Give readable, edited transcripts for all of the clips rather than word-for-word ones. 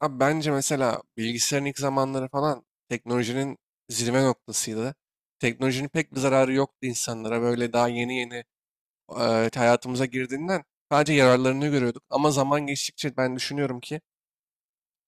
Abi bence mesela bilgisayarın ilk zamanları falan teknolojinin zirve noktasıydı. Teknolojinin pek bir zararı yoktu insanlara. Böyle daha yeni yeni hayatımıza girdiğinden sadece yararlarını görüyorduk. Ama zaman geçtikçe ben düşünüyorum ki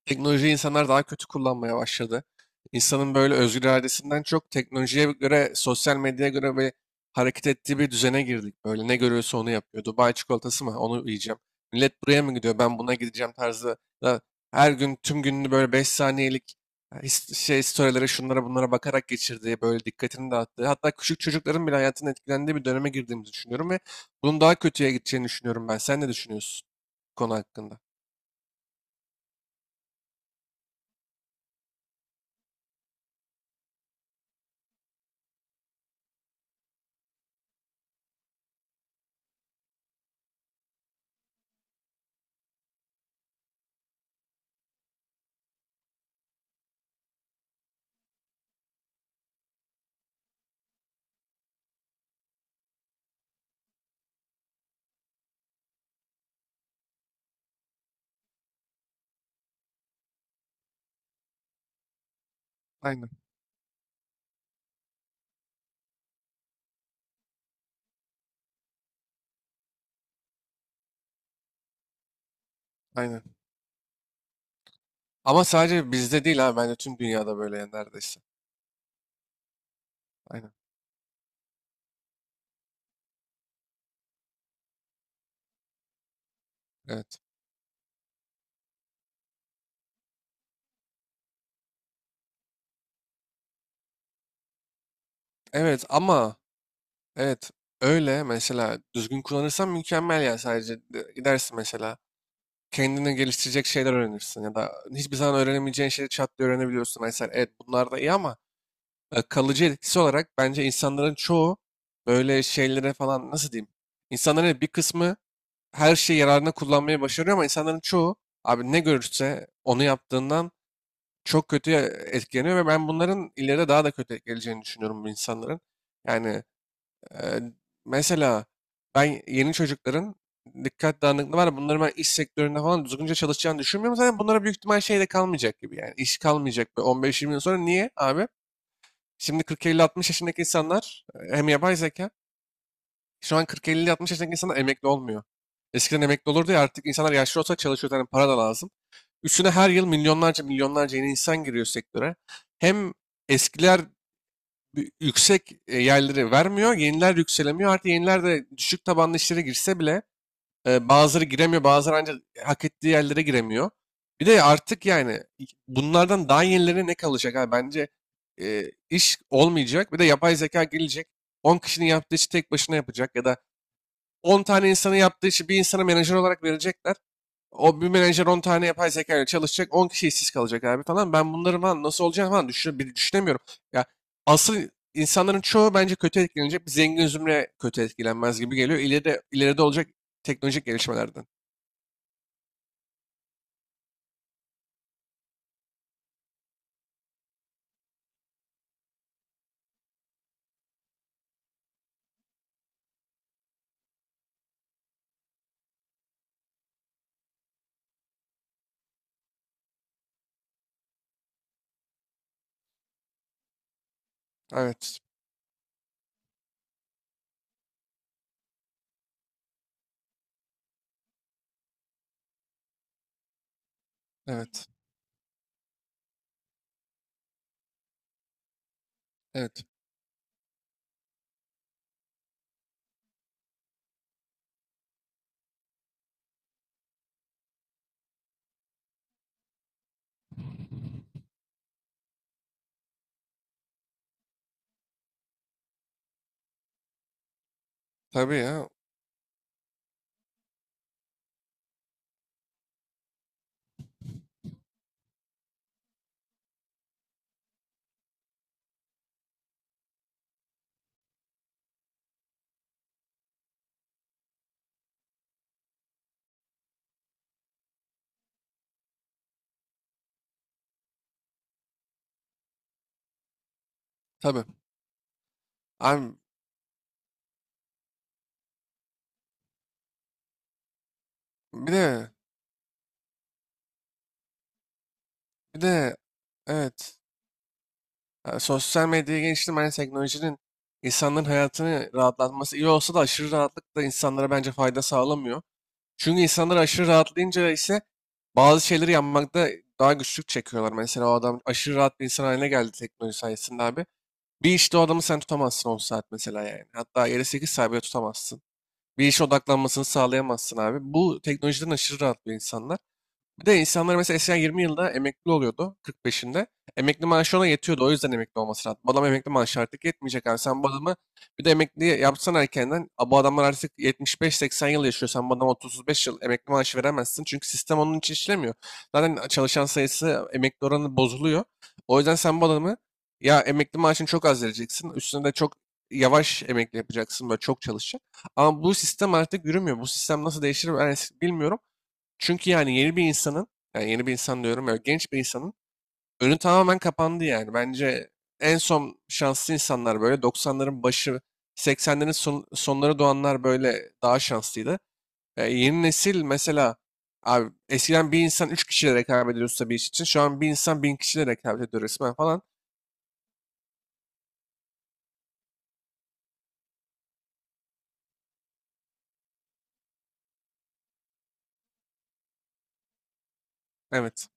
teknolojiyi insanlar daha kötü kullanmaya başladı. İnsanın böyle özgür iradesinden çok teknolojiye göre, sosyal medyaya göre böyle hareket ettiği bir düzene girdik. Böyle ne görüyorsa onu yapıyor. Dubai çikolatası mı? Onu yiyeceğim. Millet buraya mı gidiyor? Ben buna gideceğim tarzı. da Her gün tüm gününü böyle 5 saniyelik storylere şunlara bunlara bakarak geçirdiği, böyle dikkatini dağıttığı, hatta küçük çocukların bile hayatının etkilendiği bir döneme girdiğimizi düşünüyorum ve bunun daha kötüye gideceğini düşünüyorum ben. Sen ne düşünüyorsun bu konu hakkında? Aynen, aynen. Ama sadece bizde değil ha, bence tüm dünyada böyle yani neredeyse. Aynen. Evet. Evet, ama evet, öyle mesela düzgün kullanırsan mükemmel yani sadece gidersin mesela kendini geliştirecek şeyler öğrenirsin ya da hiçbir zaman öğrenemeyeceğin şeyleri çat diye öğrenebiliyorsun. Mesela evet, bunlar da iyi ama kalıcı etkisi olarak bence insanların çoğu böyle şeylere falan nasıl diyeyim? İnsanların evet, bir kısmı her şeyi yararına kullanmayı başarıyor ama insanların çoğu abi ne görürse onu yaptığından çok kötü etkileniyor ve ben bunların ileride daha da kötü geleceğini düşünüyorum bu insanların. Yani e, mesela ben yeni çocukların dikkat dağınıklığı var. Ya, bunların ben iş sektöründe falan düzgünce çalışacağını düşünmüyorum. Zaten bunlara büyük ihtimal şey de kalmayacak gibi yani. İş kalmayacak bir 15-20 yıl sonra. Niye abi? Şimdi 40-50-60 yaşındaki insanlar e, hem yapay zeka şu an 40-50-60 yaşındaki insanlar emekli olmuyor. Eskiden emekli olurdu ya, artık insanlar yaşlı olsa çalışıyor. Yani para da lazım. Üstüne her yıl milyonlarca milyonlarca yeni insan giriyor sektöre. Hem eskiler yüksek yerleri vermiyor, yeniler yükselemiyor. Artık yeniler de düşük tabanlı işlere girse bile bazıları giremiyor, bazıları ancak hak ettiği yerlere giremiyor. Bir de artık yani bunlardan daha yenilerine ne kalacak abi? Bence iş olmayacak. Bir de yapay zeka gelecek. 10 kişinin yaptığı işi tek başına yapacak ya da 10 tane insanın yaptığı işi bir insana menajer olarak verecekler. O bir menajer 10 tane yapay zeka ile çalışacak. On kişi işsiz kalacak abi falan. Ben bunların falan nasıl olacağını falan düşün, bir düşünemiyorum. Ya, asıl insanların çoğu bence kötü etkilenecek. Bir zengin zümre kötü etkilenmez gibi geliyor. İleride, ileride olacak teknolojik gelişmelerden. Evet. Evet. Evet. Tabii ya. Tabii. Abi bir de bir de evet. Ha, sosyal medyaya geçtim. Hani teknolojinin insanların hayatını rahatlatması iyi olsa da aşırı rahatlık da insanlara bence fayda sağlamıyor. Çünkü insanlar aşırı rahatlayınca ise bazı şeyleri yapmakta daha güçlük çekiyorlar. Mesela o adam aşırı rahat bir insan haline geldi teknoloji sayesinde abi. Bir işte o adamı sen tutamazsın 10 saat mesela yani. Hatta yeri 8 saat bile tutamazsın. Bir işe odaklanmasını sağlayamazsın abi. Bu teknolojiden aşırı rahat bir insanlar. Bir de insanlar mesela eskiden 20 yılda emekli oluyordu 45'inde. Emekli maaşı ona yetiyordu. O yüzden emekli olması lazım. Bu adam emekli maaşı artık yetmeyecek abi. Sen bu adamı bir de emekli yapsan erkenden. Bu adamlar artık 75-80 yıl yaşıyor. Sen bu adama 35 yıl emekli maaşı veremezsin. Çünkü sistem onun için işlemiyor. Zaten çalışan sayısı emekli oranı bozuluyor. O yüzden sen bu adamı ya emekli maaşını çok az vereceksin. Üstüne de çok yavaş emekli yapacaksın. Böyle çok çalışacak. Ama bu sistem artık yürümüyor. Bu sistem nasıl değişir ben bilmiyorum. Çünkü yani yeni bir insanın, yani yeni bir insan diyorum ya, genç bir insanın önü tamamen kapandı yani. Bence en son şanslı insanlar böyle 90'ların başı, 80'lerin sonları doğanlar böyle daha şanslıydı. Yeni nesil mesela abi eskiden bir insan 3 kişiyle rekabet ediyorsa bir iş için şu an bir insan 1.000 kişiyle rekabet ediyor resmen falan. Evet,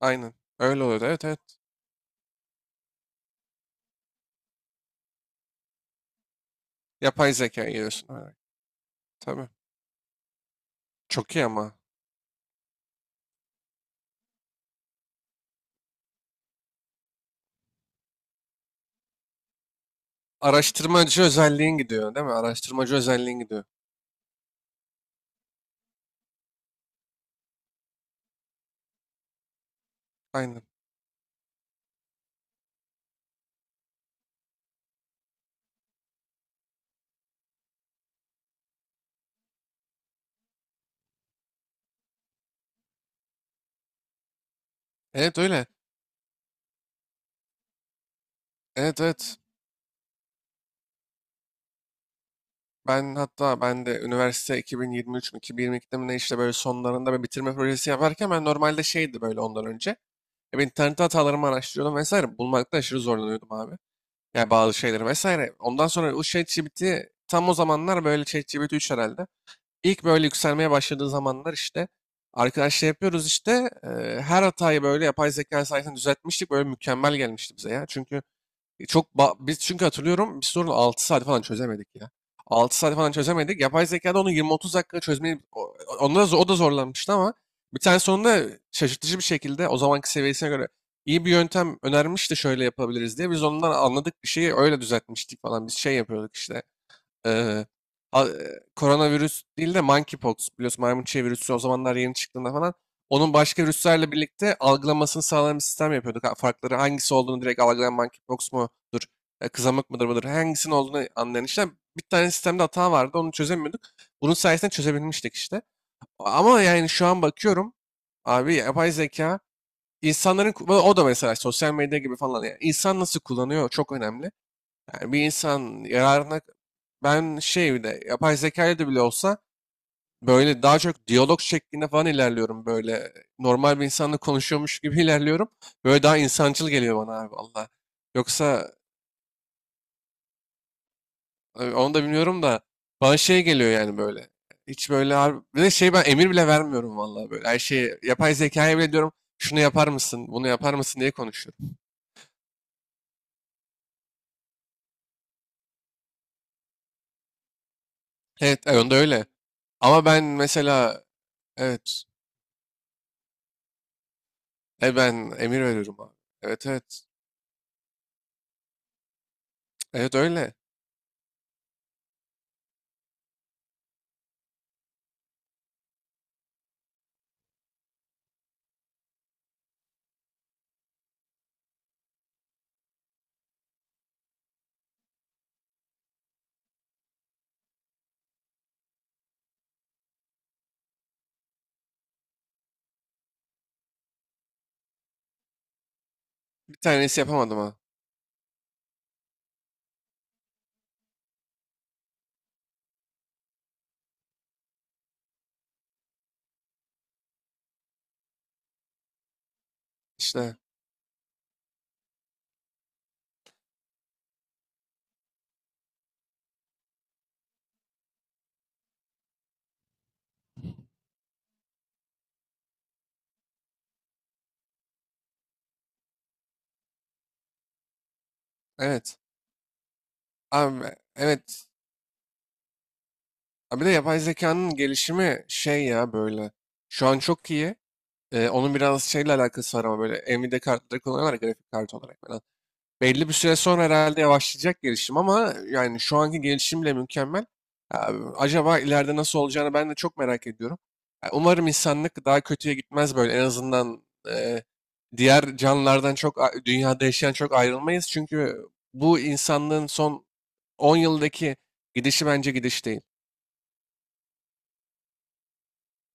aynen. Öyle oluyordu. Evet, evet. Yapay zeka geliyorsun. Evet, tabii. Çok iyi ama. Araştırmacı özelliğin gidiyor, değil mi? Araştırmacı özelliğin gidiyor. Aynen. Evet öyle. Evet, evet. Ben hatta ben de üniversite 2023 mü, 2022'de mi, ne, işte böyle sonlarında bir bitirme projesi yaparken ben normalde şeydi böyle ondan önce. Ben internette hatalarımı araştırıyordum vesaire. Bulmakta aşırı zorlanıyordum abi. Yani bazı şeyleri vesaire. Ondan sonra o ChatGPT, tam o zamanlar böyle ChatGPT 3 herhalde. İlk böyle yükselmeye başladığı zamanlar işte arkadaşlar yapıyoruz işte her hatayı böyle yapay zeka sayesinde düzeltmiştik. Böyle mükemmel gelmişti bize ya. Çünkü çok biz çünkü hatırlıyorum bir sorunu 6 saat falan çözemedik ya. 6 saat falan çözemedik. Yapay zekada onu 20-30 dakika çözmeyi onda da, o da zorlanmıştı ama bir tane sonunda şaşırtıcı bir şekilde o zamanki seviyesine göre iyi bir yöntem önermişti şöyle yapabiliriz diye. Biz ondan anladık bir şeyi öyle düzeltmiştik falan. Biz şey yapıyorduk işte. Ee, koronavirüs değil de monkeypox biliyorsun, maymun çiğ virüsü o zamanlar yeni çıktığında falan. Onun başka virüslerle birlikte algılamasını sağlayan bir sistem yapıyorduk. Ha, farkları hangisi olduğunu direkt algılayan monkeypox mudur, kızamık mıdır hangisinin olduğunu anlayan işte bir tane sistemde hata vardı, onu çözemiyorduk. Bunun sayesinde çözebilmiştik işte. Ama yani şu an bakıyorum abi yapay zeka insanların o da mesela sosyal medya gibi falan yani insan nasıl kullanıyor çok önemli. Yani bir insan yararına ben şey, bir de yapay zeka ile de bile olsa böyle daha çok diyalog şeklinde falan ilerliyorum böyle. Normal bir insanla konuşuyormuş gibi ilerliyorum. Böyle daha insancıl geliyor bana abi valla. Yoksa onu da bilmiyorum da bana şey geliyor yani böyle. Hiç böyle abi. Bir de şey, ben emir bile vermiyorum valla böyle. Her şeyi yapay zekaya bile diyorum şunu yapar mısın, bunu yapar mısın diye konuşuyorum. Evet, onda öyle. Ama ben mesela evet, ben emir veriyorum abi. Evet, evet. Evet öyle. Bir tanesi yapamadım ha. İşte evet. Abi evet. Abi de yapay zekanın gelişimi şey ya böyle. Şu an çok iyi. Onun biraz şeyle alakası var ama böyle Nvidia kartları kullanıyorlar ya, grafik kartı olarak. Belli bir süre sonra herhalde yavaşlayacak gelişim ama yani şu anki gelişim bile mükemmel. Ya, acaba ileride nasıl olacağını ben de çok merak ediyorum. Ya, umarım insanlık daha kötüye gitmez böyle. En azından e, diğer canlılardan çok dünyada yaşayan çok ayrılmayız. Çünkü bu insanlığın son 10 yıldaki gidişi bence gidiş değil.